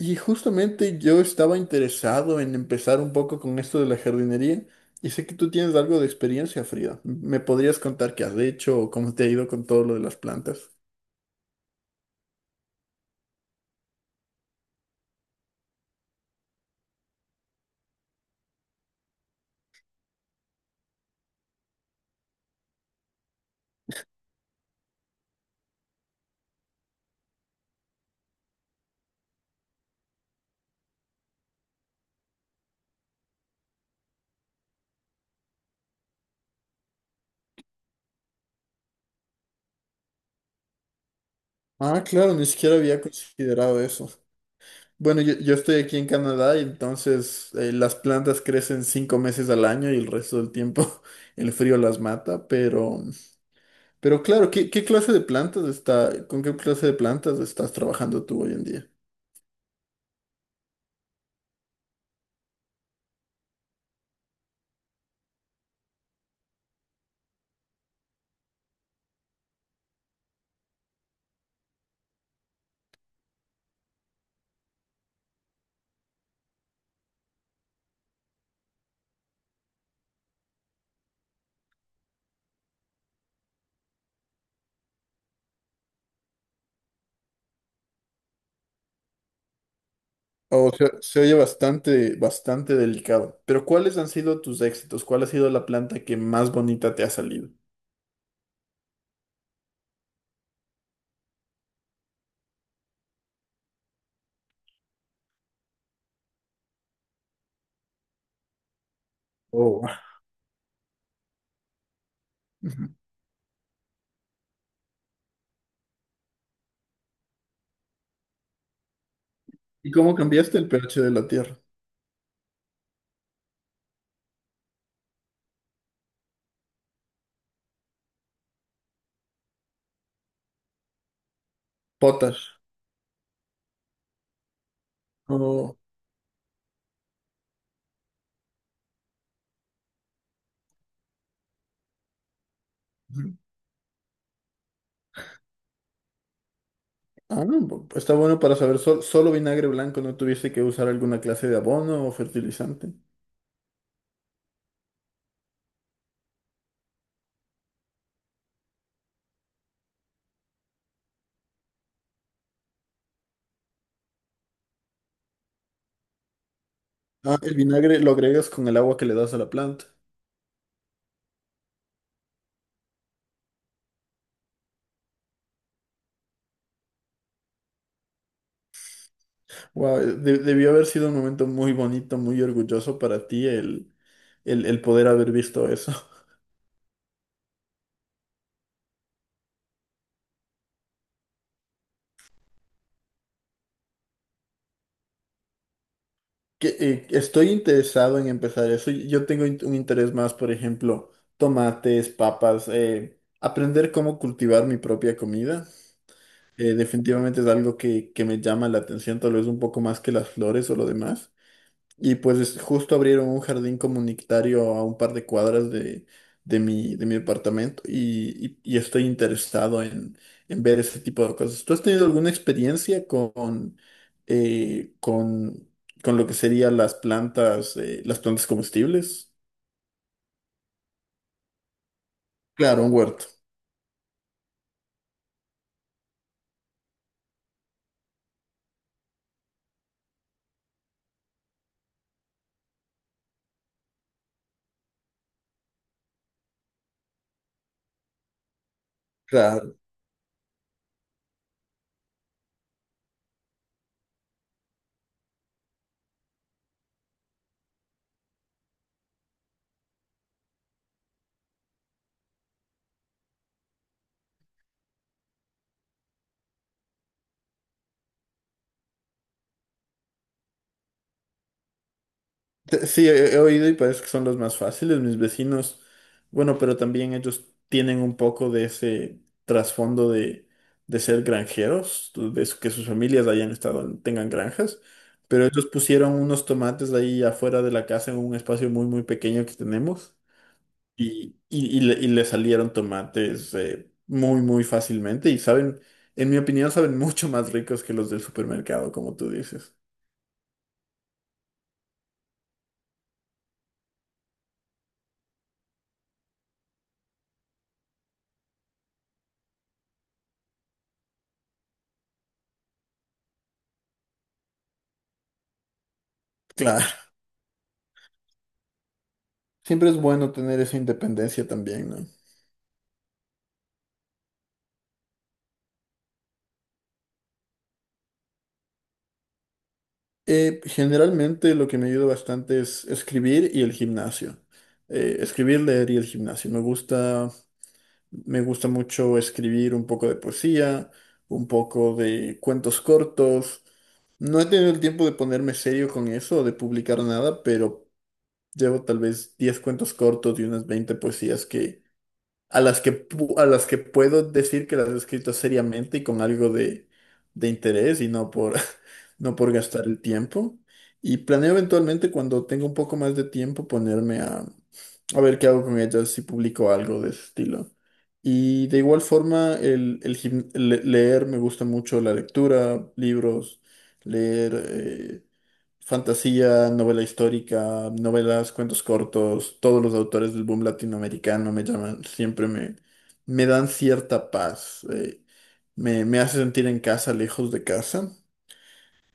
Y justamente yo estaba interesado en empezar un poco con esto de la jardinería y sé que tú tienes algo de experiencia, Frida. ¿Me podrías contar qué has hecho o cómo te ha ido con todo lo de las plantas? Ah, claro, ni siquiera había considerado eso. Bueno, yo estoy aquí en Canadá y entonces las plantas crecen 5 meses al año y el resto del tiempo el frío las mata, pero claro, ¿qué, qué clase de plantas está, con qué clase de plantas estás trabajando tú hoy en día? O sea, se oye bastante, bastante delicado. Pero ¿cuáles han sido tus éxitos? ¿Cuál ha sido la planta que más bonita te ha salido? Oh. Ujú. ¿Y cómo cambiaste el pH de la tierra? Potash. Oh. Ujú. Ah, no, está bueno para saber. Solo vinagre blanco, no tuviste que usar alguna clase de abono o fertilizante. Ah, el vinagre lo agregas con el agua que le das a la planta. Wow, debió haber sido un momento muy bonito, muy orgulloso para ti el poder haber visto eso. Que, estoy interesado en empezar eso. Yo tengo un interés más, por ejemplo, tomates, papas, aprender cómo cultivar mi propia comida. Definitivamente es algo que me llama la atención, tal vez un poco más que las flores o lo demás. Y pues justo abrieron un jardín comunitario a un par de cuadras de mi departamento y estoy interesado en ver ese tipo de cosas. ¿Tú has tenido alguna experiencia eh, con, con lo que serían las plantas comestibles? Claro, un huerto. Sí, he oído y parece que son los más fáciles, mis vecinos. Bueno, pero también ellos tienen un poco de ese trasfondo de ser granjeros, que sus familias hayan estado, tengan granjas. Pero ellos pusieron unos tomates ahí afuera de la casa en un espacio muy, muy pequeño que tenemos. Y le salieron tomates muy, muy fácilmente. Y saben, en mi opinión, saben mucho más ricos que los del supermercado, como tú dices. Claro. Siempre es bueno tener esa independencia también, ¿no? Generalmente lo que me ayuda bastante es escribir y el gimnasio. Escribir, leer y el gimnasio. Me gusta mucho escribir un poco de poesía, un poco de cuentos cortos. No he tenido el tiempo de ponerme serio con eso de publicar nada, pero llevo tal vez 10 cuentos cortos y unas 20 poesías que a las que, pu- a las que puedo decir que las he escrito seriamente y con algo de interés y no por, no por gastar el tiempo. Y planeo eventualmente cuando tenga un poco más de tiempo ponerme a ver qué hago con ellas, si publico algo de ese estilo. Y de igual forma, leer, me gusta mucho la lectura, libros, leer. Fantasía, novela histórica, novelas, cuentos cortos, todos los autores del boom latinoamericano me llaman, siempre me dan cierta paz, me hace sentir en casa, lejos de casa.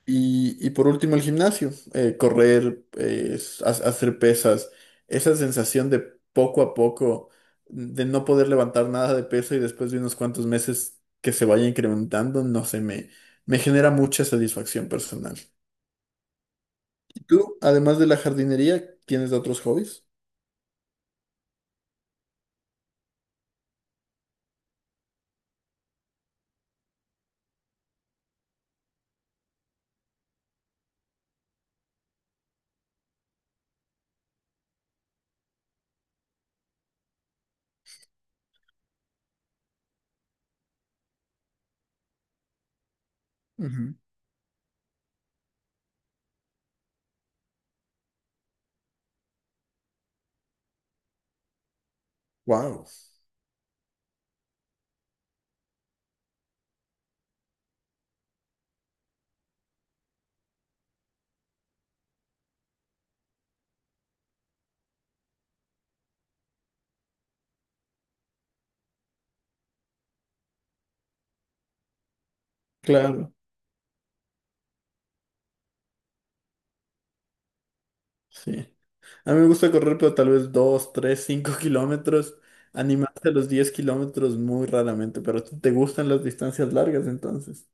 Y por último el gimnasio, correr, hacer pesas, esa sensación de poco a poco, de no poder levantar nada de peso y después de unos cuantos meses que se vaya incrementando, no sé, me genera mucha satisfacción personal. ¿Tú, además de la jardinería, tienes otros hobbies? Ujú. Wow. Claro. Sí. A mí me gusta correr, pero tal vez 2, 3, 5 kilómetros. Animarse a los 10 kilómetros muy raramente, pero te gustan las distancias largas entonces.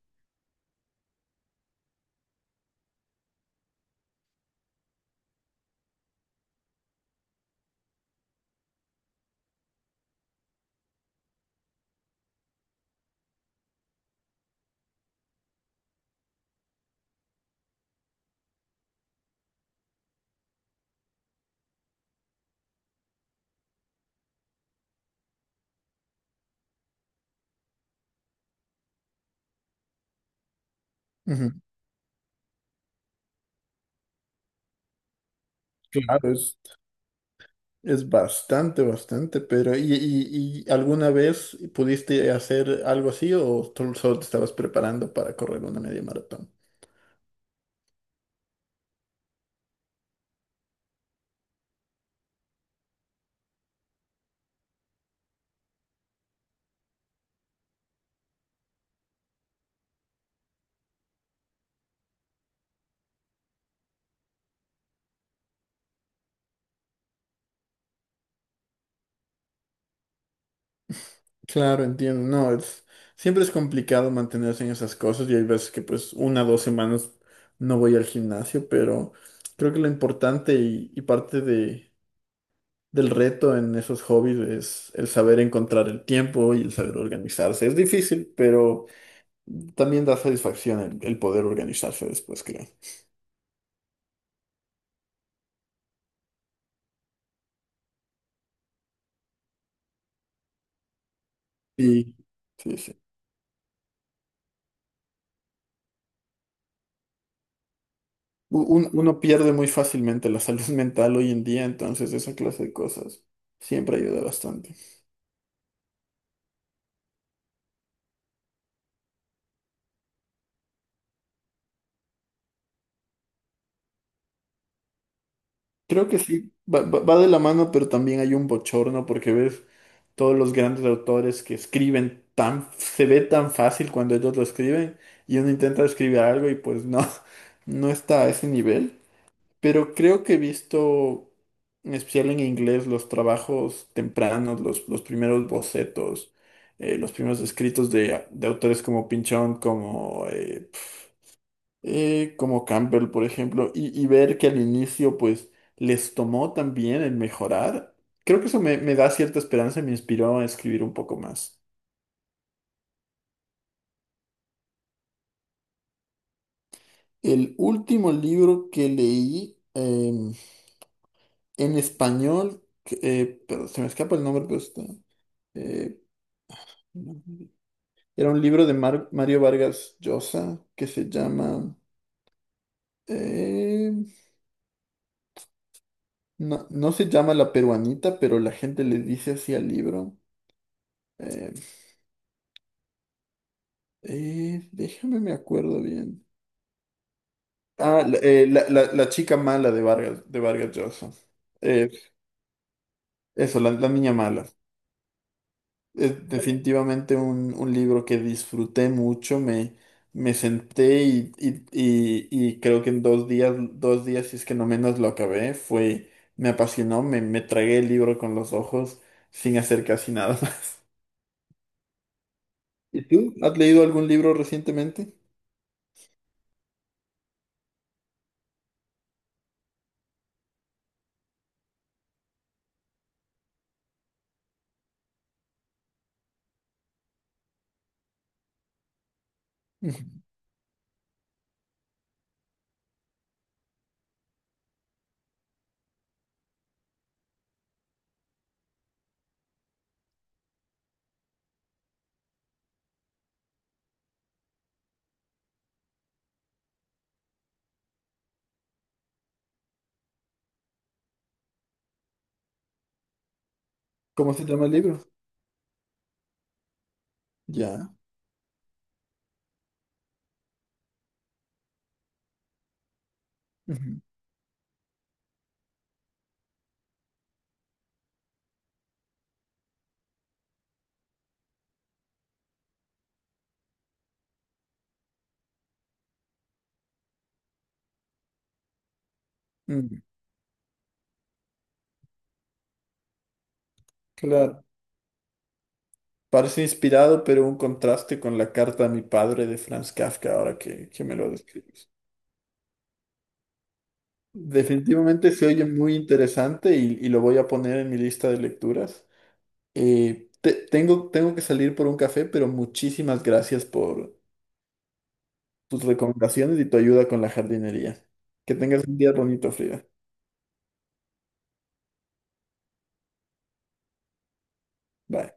Ujú. Claro. Es bastante, bastante, pero ¿y alguna vez pudiste hacer algo así o tú solo te estabas preparando para correr una media maratón? Claro, entiendo. No, siempre es complicado mantenerse en esas cosas y hay veces que pues una o 2 semanas no voy al gimnasio, pero creo que lo importante y parte del reto en esos hobbies es el saber encontrar el tiempo y el saber organizarse. Es difícil, pero también da satisfacción el poder organizarse después, creo. Sí, sí, sí. Uno pierde muy fácilmente la salud mental hoy en día, entonces esa clase de cosas siempre ayuda bastante. Creo que sí, va de la mano, pero también hay un bochorno porque ves todos los grandes autores que escriben se ve tan fácil cuando ellos lo escriben y uno intenta escribir algo y pues no, no está a ese nivel. Pero creo que he visto, en especial en inglés, los trabajos tempranos, los primeros bocetos, los primeros escritos de autores como Pinchón, como Campbell, por ejemplo, y ver que al inicio, pues, les tomó también el mejorar, creo que eso me da cierta esperanza y me inspiró a escribir un poco más. El último libro que leí en español, pero se me escapa el nombre, pero eh, era un libro de Mario Vargas Llosa que se llama... eh, no, no se llama La Peruanita, pero la gente le dice así al libro. eh, Déjame, me acuerdo bien. Ah, la chica mala de Vargas Llosa. Eh, Eso, la niña mala. Es definitivamente un libro que disfruté mucho. Me senté y creo que en 2 días, 2 días, si es que no menos lo acabé, me apasionó, me tragué el libro con los ojos sin hacer casi nada. ¿Y tú? ¿Has leído algún libro recientemente? Ujú. ¿Cómo se llama el libro? Ya. Ujú. Mm. Claro. Parece inspirado, pero un contraste con la carta a mi padre de Franz Kafka, ahora que me lo describes. Definitivamente se oye muy interesante y lo voy a poner en mi lista de lecturas. Tengo que salir por un café, pero muchísimas gracias por tus recomendaciones y tu ayuda con la jardinería. Que tengas un día bonito, Frida. Bye.